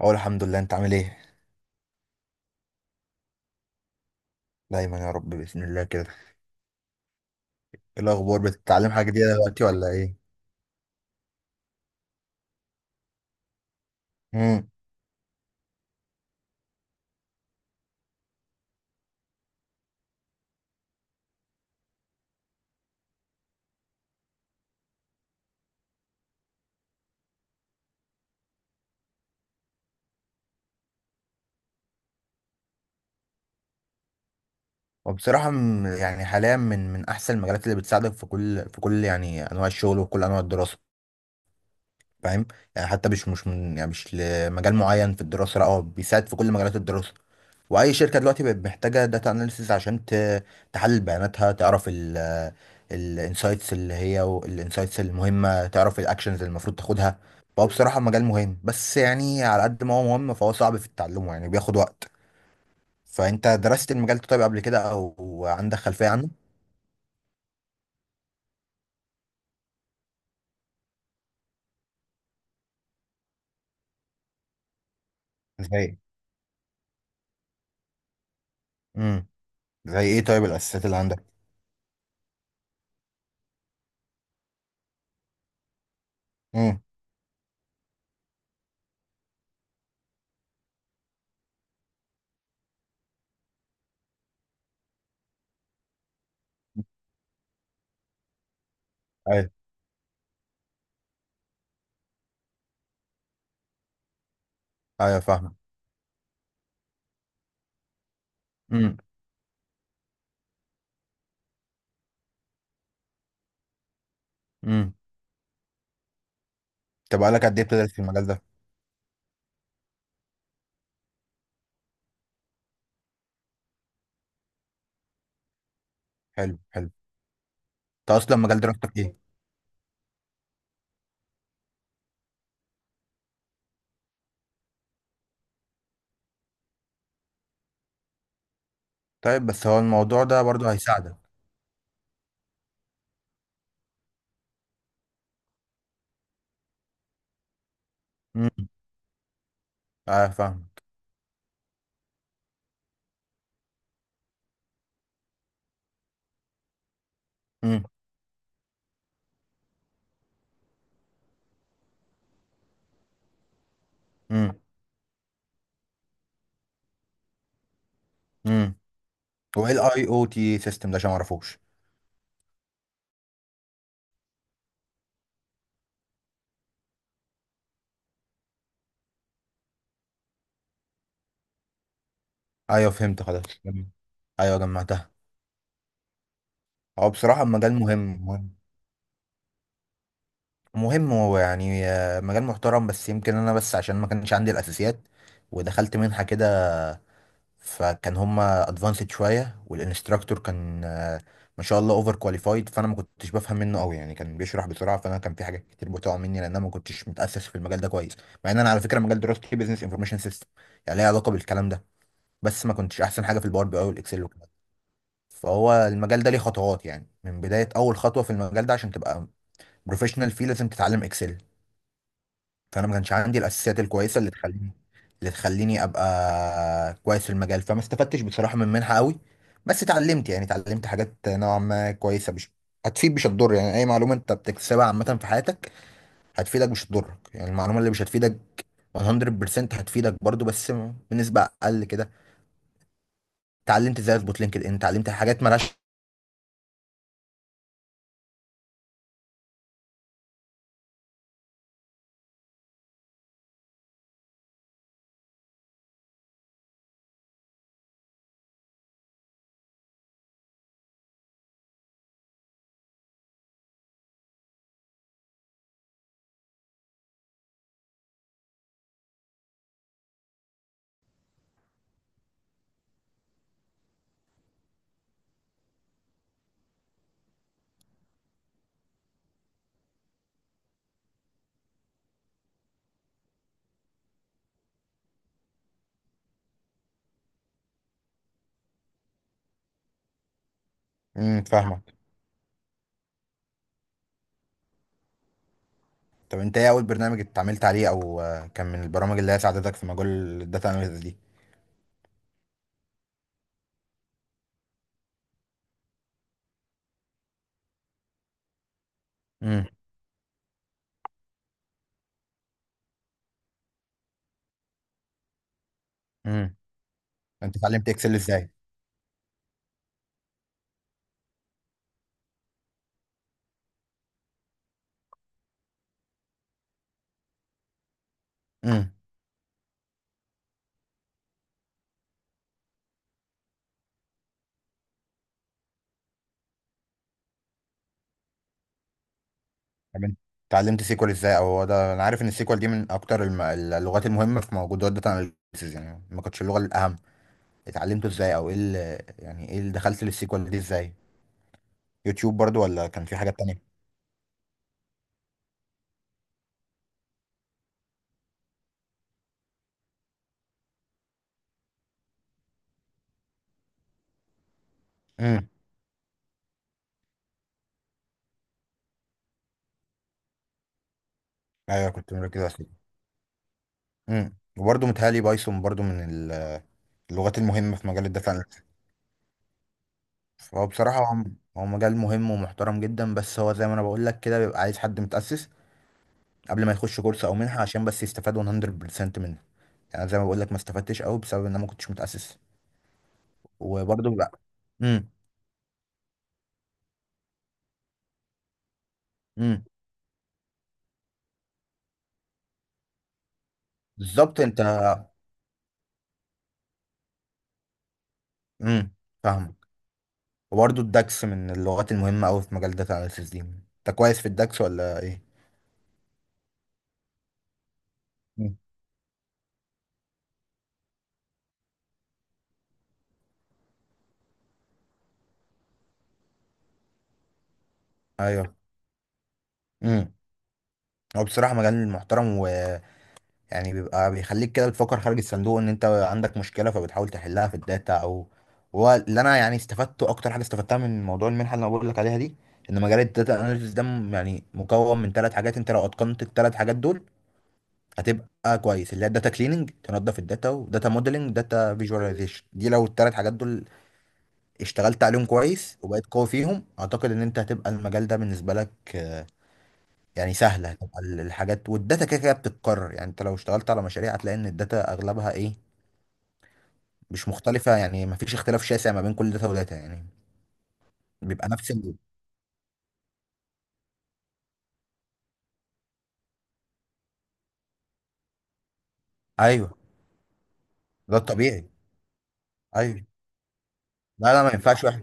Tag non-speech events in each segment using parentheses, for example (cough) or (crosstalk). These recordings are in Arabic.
اقول الحمد لله، انت عامل ايه؟ دايما يا رب باذن الله كده. ايه الاخبار؟ بتتعلم حاجه جديده دلوقتي ولا ايه؟ امم وبصراحه يعني حاليا من احسن المجالات اللي بتساعدك في كل يعني انواع الشغل وكل انواع الدراسه. فاهم؟ يعني حتى مش من، يعني مش لمجال معين في الدراسه، لا هو بيساعد في كل مجالات الدراسه. واي شركه دلوقتي بقت محتاجه داتا اناليسيز عشان تحلل بياناتها، تعرف الانسايتس، اللي هي الانسايتس المهمه، تعرف الاكشنز اللي المفروض تاخدها. فهو بصراحه مجال مهم، بس يعني على قد ما هو مهم فهو صعب في تعلمه، يعني بياخد وقت. فانت درست المجال ده طيب قبل كده او عندك خلفيه عنه؟ زي، امم، زي ايه طيب الاساسيات اللي عندك؟ امم. ايوه. ايوه فاهم. امم. طب بقالك قد ايه بتدرس في المجال ده؟ حلو حلو. انت اصلا مجال دراستك ايه؟ طيب بس هو الموضوع ده برضو هيساعدك. امم. اه فاهمك. امم. امم. امم. هو ايه الاي او تي سيستم ده، عشان ما اعرفوش؟ ايوه فهمت، خلاص جميل. ايوه جمعتها. هو بصراحه المجال مهم مهم مهم. هو يعني مجال محترم، بس يمكن انا بس عشان ما كانش عندي الاساسيات، ودخلت منحه كده، فكان هما ادفانسد شويه، والانستراكتور كان ما شاء الله اوفر كواليفايد، فانا ما كنتش بفهم منه قوي، يعني كان بيشرح بسرعه، فانا كان في حاجات كتير بتقع مني لان انا ما كنتش متاسس في المجال ده كويس. مع ان انا على فكره مجال دراستي بزنس انفورميشن سيستم، يعني ليه علاقه بالكلام ده، بس ما كنتش احسن حاجه في الباور بي اي والاكسل والكلام ده. فهو المجال ده ليه خطوات، يعني من بدايه اول خطوه في المجال ده عشان تبقى بروفيشنال فيه لازم تتعلم اكسل. فانا ما كانش عندي الاساسيات الكويسه اللي تخليني ابقى كويس في المجال، فما استفدتش بصراحه من منحه قوي. بس اتعلمت، يعني اتعلمت حاجات نوعا ما كويسه، مش هتفيد مش هتضر، يعني اي معلومه انت بتكتسبها عامه في حياتك هتفيدك مش هتضرك، يعني المعلومه اللي مش هتفيدك 100% هتفيدك برضو، بس بنسبه اقل كده. اتعلمت ازاي اظبط لينكد ان، اتعلمت حاجات مالهاش. فاهمك. طب انت ايه اول برنامج اتعاملت عليه، او كان من البرامج اللي هي ساعدتك في مجال الداتا اناليسيس دي؟ امم. امم. انت اتعلمت اكسل ازاي؟ امم. طب انت اتعلمت سيكوال ازاي؟ او هو ده انا عارف ان السيكوال دي من اكتر اللغات المهمه في موجودات داتا اناليسيز، يعني ما كانتش اللغه الاهم. اتعلمته ازاي، او ايه يعني ايه اللي دخلت للسيكوال دي ازاي؟ يوتيوب برضو ولا كان في حاجات تانية؟ امم. ايوه كنت مركز على السيكوال. امم، وبرضه متهيألي بايثون برضو من اللغات المهمه في مجال الداتا اناليسيز. فهو بصراحه هو مجال مهم ومحترم جدا، بس هو زي ما انا بقول لك كده بيبقى عايز حد متأسس قبل ما يخش كورس او منحه عشان بس يستفاد 100% منه. يعني زي ما بقول لك ما استفدتش قوي بسبب ان انا ما كنتش متأسس. وبرضه لا. امم. امم. بالظبط انت. امم فاهمك. وبرضه الدكس من اللغات المهمة قوي في مجال داتا اناليسيس دي، انت كويس في الدكس ولا ايه؟ مم. ايوه. امم. هو بصراحة مجال محترم، ويعني بيبقى بيخليك كده بتفكر خارج الصندوق، ان انت عندك مشكلة فبتحاول تحلها في الداتا. او هو اللي انا يعني استفدته اكتر حاجة استفدتها من موضوع المنحة اللي انا بقول لك عليها دي، ان مجال الداتا اناليسيس ده يعني مكون من ثلاث حاجات، انت لو اتقنت الثلاث حاجات دول هتبقى كويس، اللي هي الداتا كليننج تنظف الداتا، وداتا موديلنج، داتا فيجواليزيشن. دي لو الثلاث حاجات دول اشتغلت عليهم كويس وبقيت قوي فيهم، اعتقد ان انت هتبقى المجال ده بالنسبه لك يعني سهله. هتبقى الحاجات والداتا كده كده بتتكرر، يعني انت لو اشتغلت على مشاريع هتلاقي ان الداتا اغلبها ايه، مش مختلفه، يعني ما فيش اختلاف شاسع ما بين كل داتا وداتا، يعني بيبقى نفس ايوه، ده الطبيعي. ايوه. لا لا ما ينفعش واحد،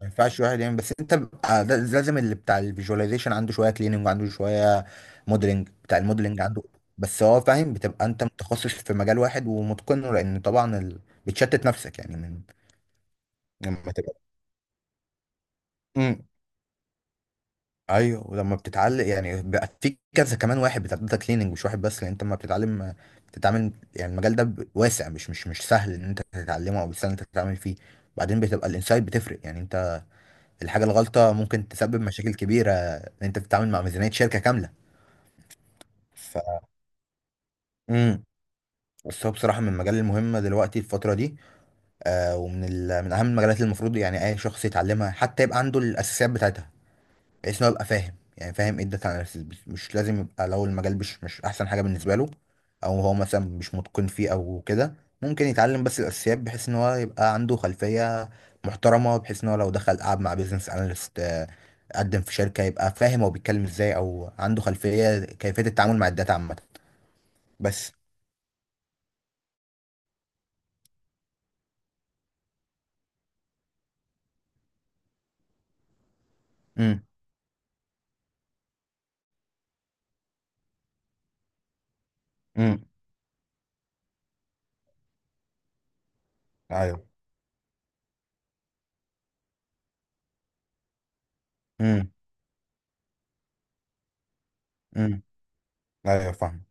ما ينفعش واحد يعمل. بس انت بقى لازم اللي بتاع الفيجواليزيشن عنده شويه كليننج، وعنده شويه موديلنج، بتاع الموديلنج عنده. بس هو فاهم، بتبقى انت متخصص في مجال واحد ومتقنه، لان طبعا بتشتت نفسك يعني من، لما تبقى. امم. ايوه، ولما بتتعلم يعني بقى في كذا، كمان واحد بتاع داتا كليننج مش واحد بس، لان انت لما بتتعلم بتتعامل، يعني المجال ده واسع، مش سهل ان انت تتعلمه، او سهل ان انت تتعامل فيه. وبعدين بتبقى الانسايت بتفرق، يعني الحاجة الغلطة ممكن تسبب مشاكل كبيرة، ان انت بتتعامل مع ميزانية شركة كاملة. ف امم. بس هو بصراحة من المجال المهمة دلوقتي الفترة دي. آه، ومن من أهم المجالات اللي المفروض يعني أي شخص يتعلمها، حتى يبقى عنده الأساسيات بتاعتها، بحيث ان هو يبقى فاهم، يعني فاهم ايه الداتا اناليسيس. مش مش لازم يبقى، لو المجال مش احسن حاجه بالنسبه له، او هو مثلا مش متقن فيه او كده، ممكن يتعلم بس الاساسيات، بحيث ان هو يبقى عنده خلفيه محترمه، بحيث ان هو لو دخل قعد مع بيزنس اناليست، قدم في شركه، يبقى فاهم هو بيتكلم ازاي، او عنده خلفيه كيفيه التعامل مع الداتا عامه. بس. امم. امم. ايوه. امم. امم. ايوه فاهم.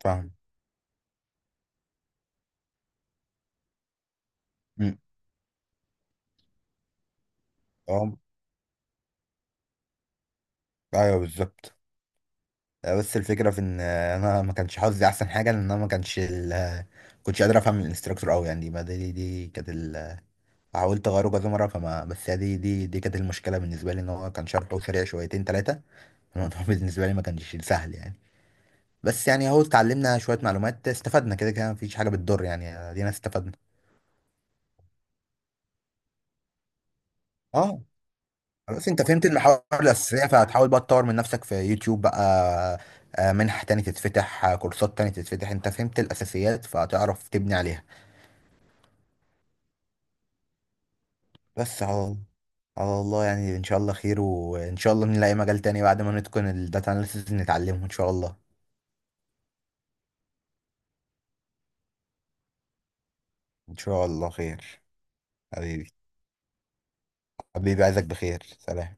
فاهم. امم. اه ايوه بالظبط. بس الفكرة في ان، انا ما كانش حظي احسن حاجة، لان انا ما كانش كنتش قادر افهم الانستراكتور قوي، يعني ما دي كانت حاولت اغيره كذا مرة فما، بس هي دي كانت المشكلة بالنسبة لي، ان هو كان شرحه سريع شويتين ثلاثة. الموضوع (laughs) بالنسبة لي ما كانش سهل يعني. بس يعني اهو اتعلمنا شوية معلومات، استفدنا كده كده، مفيش حاجة بتضر يعني، ادينا استفدنا. اه. خلاص انت فهمت المحاور الأساسية، فهتحاول بقى تطور من نفسك في يوتيوب بقى، منح تاني تتفتح، كورسات تاني تتفتح، انت فهمت الأساسيات فهتعرف تبني عليها. بس على الله، يعني ان شاء الله خير، وان شاء الله نلاقي مجال تاني بعد ما نتقن الداتا اناليسيز نتعلمه ان شاء الله. ان شاء الله خير. حبيبي، حبيبي عايزك بخير، سلام.